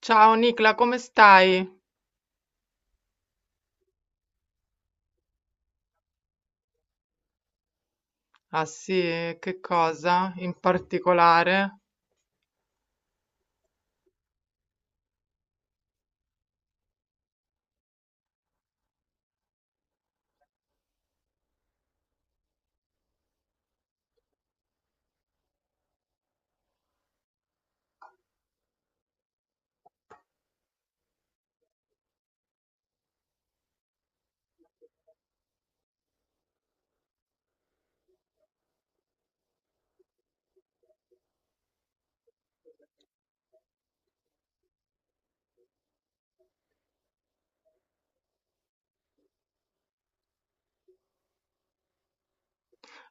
Ciao Nicla, come stai? Ah sì, e che cosa in particolare?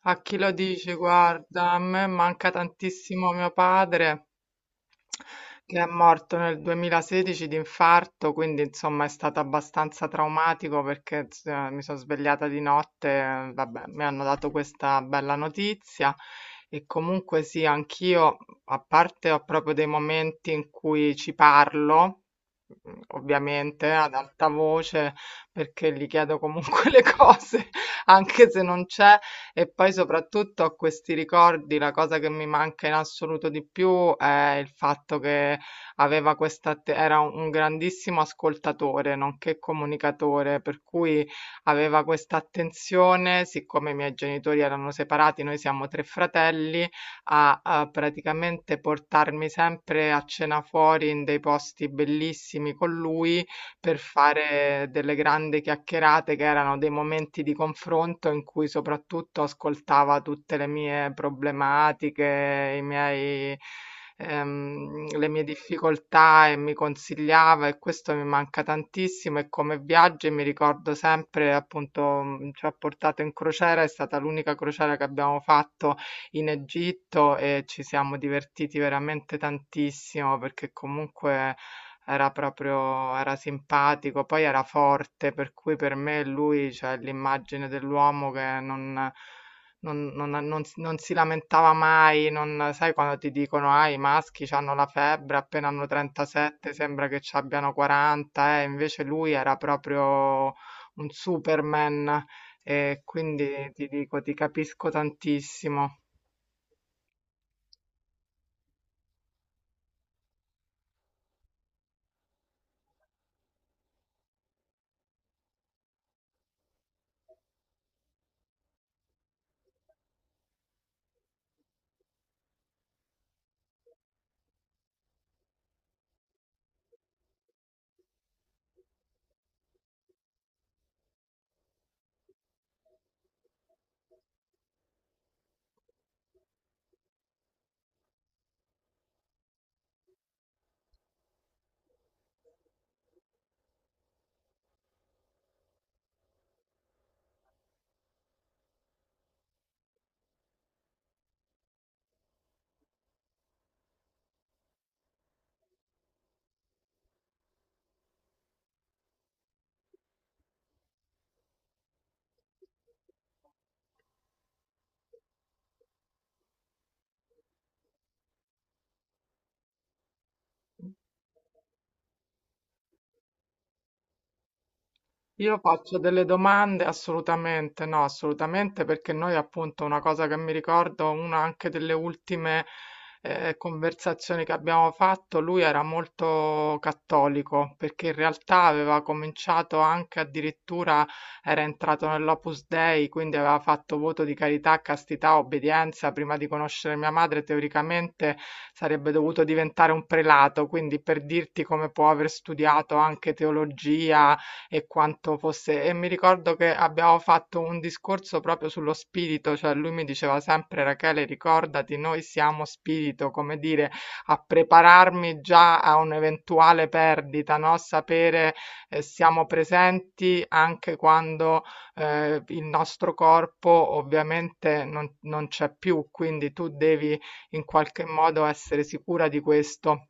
A chi lo dici? Guarda, a me manca tantissimo mio padre. Che è morto nel 2016 di infarto, quindi insomma è stato abbastanza traumatico perché mi sono svegliata di notte, vabbè, mi hanno dato questa bella notizia e comunque sì, anch'io, a parte ho proprio dei momenti in cui ci parlo, ovviamente ad alta voce, perché gli chiedo comunque le cose, anche se non c'è, e poi soprattutto ho questi ricordi, la cosa che mi manca in assoluto di più è il fatto che era un grandissimo ascoltatore, nonché comunicatore, per cui aveva questa attenzione, siccome i miei genitori erano separati, noi siamo tre fratelli, a praticamente portarmi sempre a cena fuori in dei posti bellissimi con lui per fare delle grandi chiacchierate che erano dei momenti di confronto in cui soprattutto ascoltava tutte le mie problematiche, i miei, le mie difficoltà e mi consigliava e questo mi manca tantissimo e come viaggi mi ricordo sempre appunto ci ha portato in crociera, è stata l'unica crociera che abbiamo fatto in Egitto e ci siamo divertiti veramente tantissimo perché comunque era proprio era simpatico, poi era forte, per cui per me lui, cioè, è l'immagine dell'uomo che non si lamentava mai, non sai quando ti dicono: "Ah, i maschi c'hanno la febbre, appena hanno 37 sembra che c'abbiano 40", invece lui era proprio un superman e quindi ti dico, ti capisco tantissimo. Io faccio delle domande? Assolutamente no, assolutamente perché noi appunto una cosa che mi ricordo, una anche delle ultime conversazioni che abbiamo fatto, lui era molto cattolico perché in realtà aveva cominciato anche addirittura, era entrato nell'Opus Dei, quindi aveva fatto voto di carità, castità, obbedienza, prima di conoscere mia madre teoricamente sarebbe dovuto diventare un prelato, quindi per dirti come può aver studiato anche teologia e quanto fosse e mi ricordo che abbiamo fatto un discorso proprio sullo spirito, cioè lui mi diceva sempre Rachele, ricordati, noi siamo spirito, come dire, a prepararmi già a un'eventuale perdita, no? Sapere siamo presenti anche quando il nostro corpo ovviamente non c'è più, quindi tu devi in qualche modo essere sicura di questo.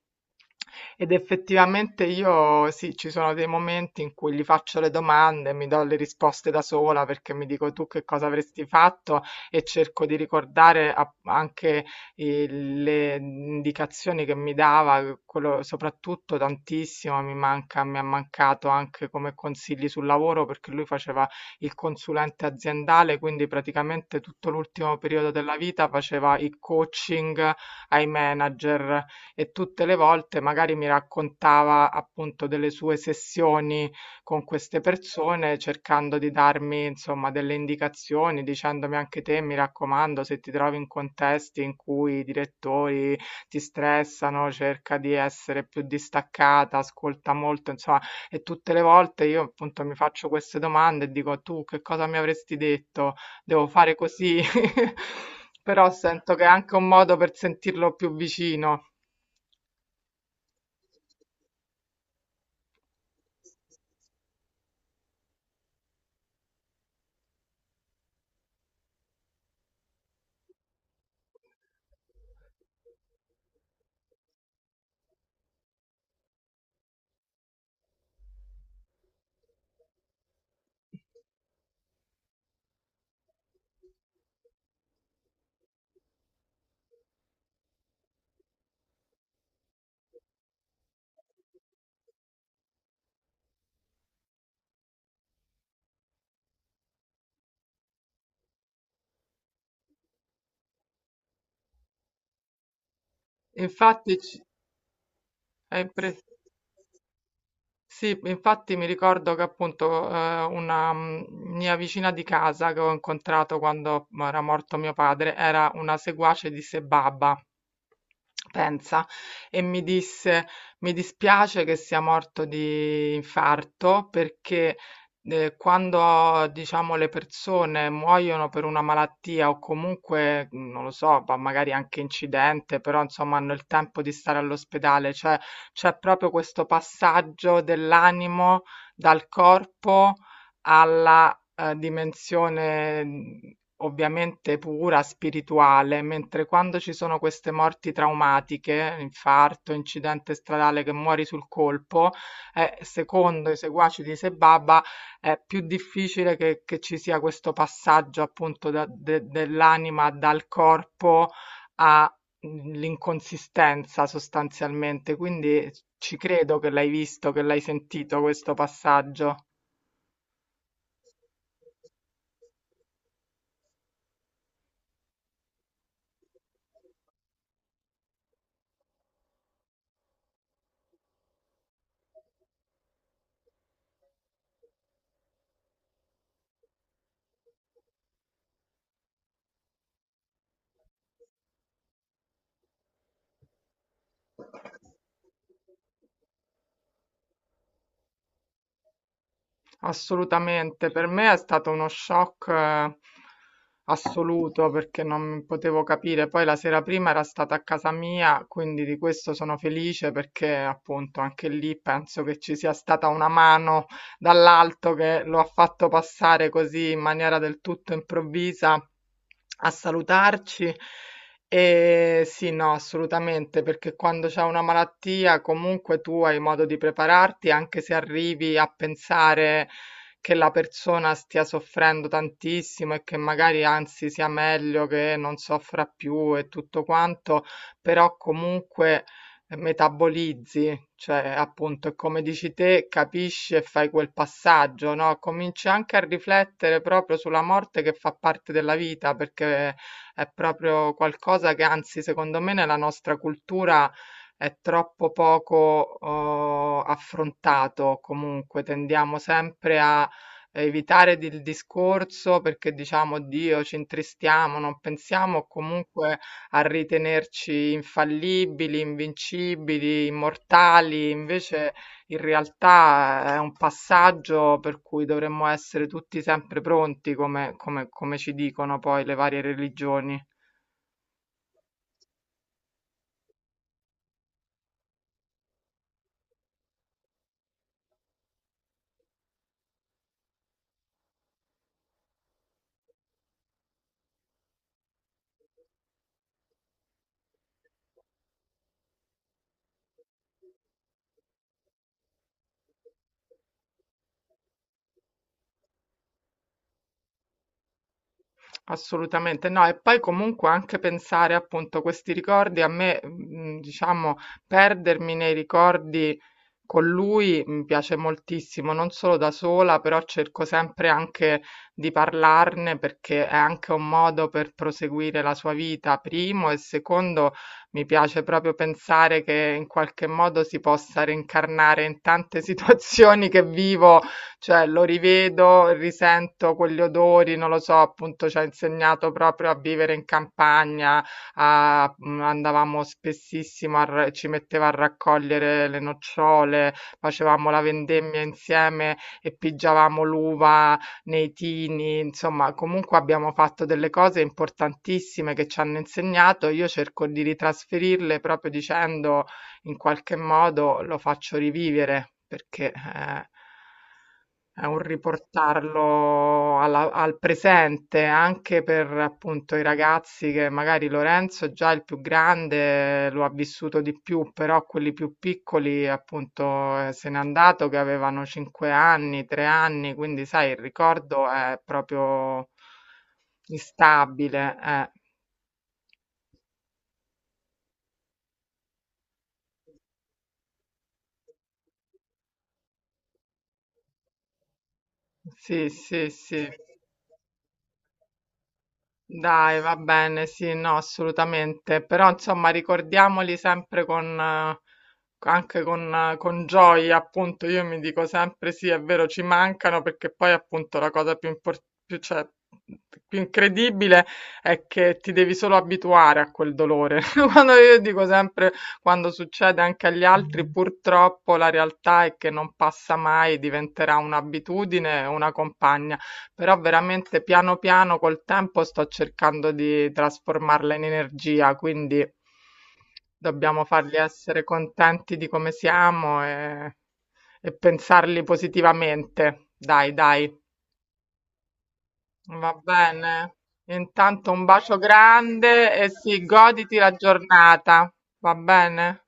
Ed effettivamente io sì, ci sono dei momenti in cui gli faccio le domande e mi do le risposte da sola perché mi dico tu che cosa avresti fatto e cerco di ricordare anche le indicazioni che mi dava, quello soprattutto tantissimo mi manca, mi ha mancato anche come consigli sul lavoro perché lui faceva il consulente aziendale, quindi praticamente tutto l'ultimo periodo della vita faceva il coaching ai manager e tutte le volte magari mi raccontava appunto delle sue sessioni con queste persone, cercando di darmi insomma delle indicazioni, dicendomi anche te, mi raccomando, se ti trovi in contesti in cui i direttori ti stressano, cerca di essere più distaccata, ascolta molto, insomma, e tutte le volte io appunto mi faccio queste domande e dico tu che cosa mi avresti detto? Devo fare così? Però sento che è anche un modo per sentirlo più vicino. E infatti è impre- sì, infatti mi ricordo che appunto una mia vicina di casa che ho incontrato quando era morto mio padre era una seguace di Sebaba. Pensa, e mi disse: Mi dispiace che sia morto di infarto perché quando diciamo le persone muoiono per una malattia o comunque non lo so, ma magari anche incidente, però insomma hanno il tempo di stare all'ospedale, cioè c'è proprio questo passaggio dell'animo dal corpo alla dimensione ovviamente pura, spirituale, mentre quando ci sono queste morti traumatiche, infarto, incidente stradale che muori sul colpo, secondo i seguaci di Sebaba è più difficile che ci sia questo passaggio appunto dell'anima dal corpo all'inconsistenza sostanzialmente. Quindi ci credo che l'hai visto, che l'hai sentito questo passaggio. Assolutamente, per me è stato uno shock assoluto perché non potevo capire. Poi la sera prima era stata a casa mia, quindi di questo sono felice perché appunto anche lì penso che ci sia stata una mano dall'alto che lo ha fatto passare così in maniera del tutto improvvisa a salutarci. E sì, no, assolutamente, perché quando c'è una malattia comunque tu hai modo di prepararti, anche se arrivi a pensare che la persona stia soffrendo tantissimo e che magari anzi sia meglio che non soffra più e tutto quanto, però comunque metabolizzi, cioè appunto, come dici te, capisci e fai quel passaggio, no? Cominci anche a riflettere proprio sulla morte che fa parte della vita, perché è proprio qualcosa che, anzi, secondo me, nella nostra cultura è troppo poco affrontato. Comunque, tendiamo sempre a evitare il discorso perché diciamo Dio, ci intristiamo, non pensiamo comunque a ritenerci infallibili, invincibili, immortali, invece in realtà è un passaggio per cui dovremmo essere tutti sempre pronti, come, come ci dicono poi le varie religioni. Assolutamente no, e poi comunque anche pensare appunto questi ricordi, a me, diciamo, perdermi nei ricordi con lui mi piace moltissimo, non solo da sola, però cerco sempre anche di parlarne perché è anche un modo per proseguire la sua vita, primo, e secondo mi piace proprio pensare che in qualche modo si possa reincarnare in tante situazioni che vivo cioè lo rivedo, risento quegli odori, non lo so, appunto ci ha insegnato proprio a vivere in campagna, andavamo spessissimo, ci metteva a raccogliere le nocciole, facevamo la vendemmia insieme e pigiavamo l'uva nei tini, insomma, comunque abbiamo fatto delle cose importantissime che ci hanno insegnato. Io cerco di ritrasferirle proprio dicendo in qualche modo lo faccio rivivere perché è un riportarlo al presente anche per appunto i ragazzi che magari Lorenzo già il più grande lo ha vissuto di più, però quelli più piccoli appunto se n'è andato che avevano 5 anni, 3 anni, quindi sai il ricordo è proprio instabile. Sì, sì, sì. Dai, va bene, sì, no, assolutamente, però insomma ricordiamoli sempre con, anche con gioia, appunto, io mi dico sempre sì, è vero, ci mancano perché poi appunto la cosa più, cioè, più incredibile è che ti devi solo abituare a quel dolore. Quando io dico sempre, quando succede anche agli altri, purtroppo la realtà è che non passa mai, diventerà un'abitudine, una compagna. Però veramente piano piano col tempo sto cercando di trasformarla in energia, quindi dobbiamo farli essere contenti di come siamo e pensarli positivamente. Dai, dai, va bene. Intanto un bacio grande e sì, goditi la giornata, va bene?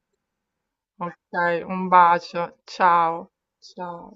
Ok, un bacio, ciao, ciao.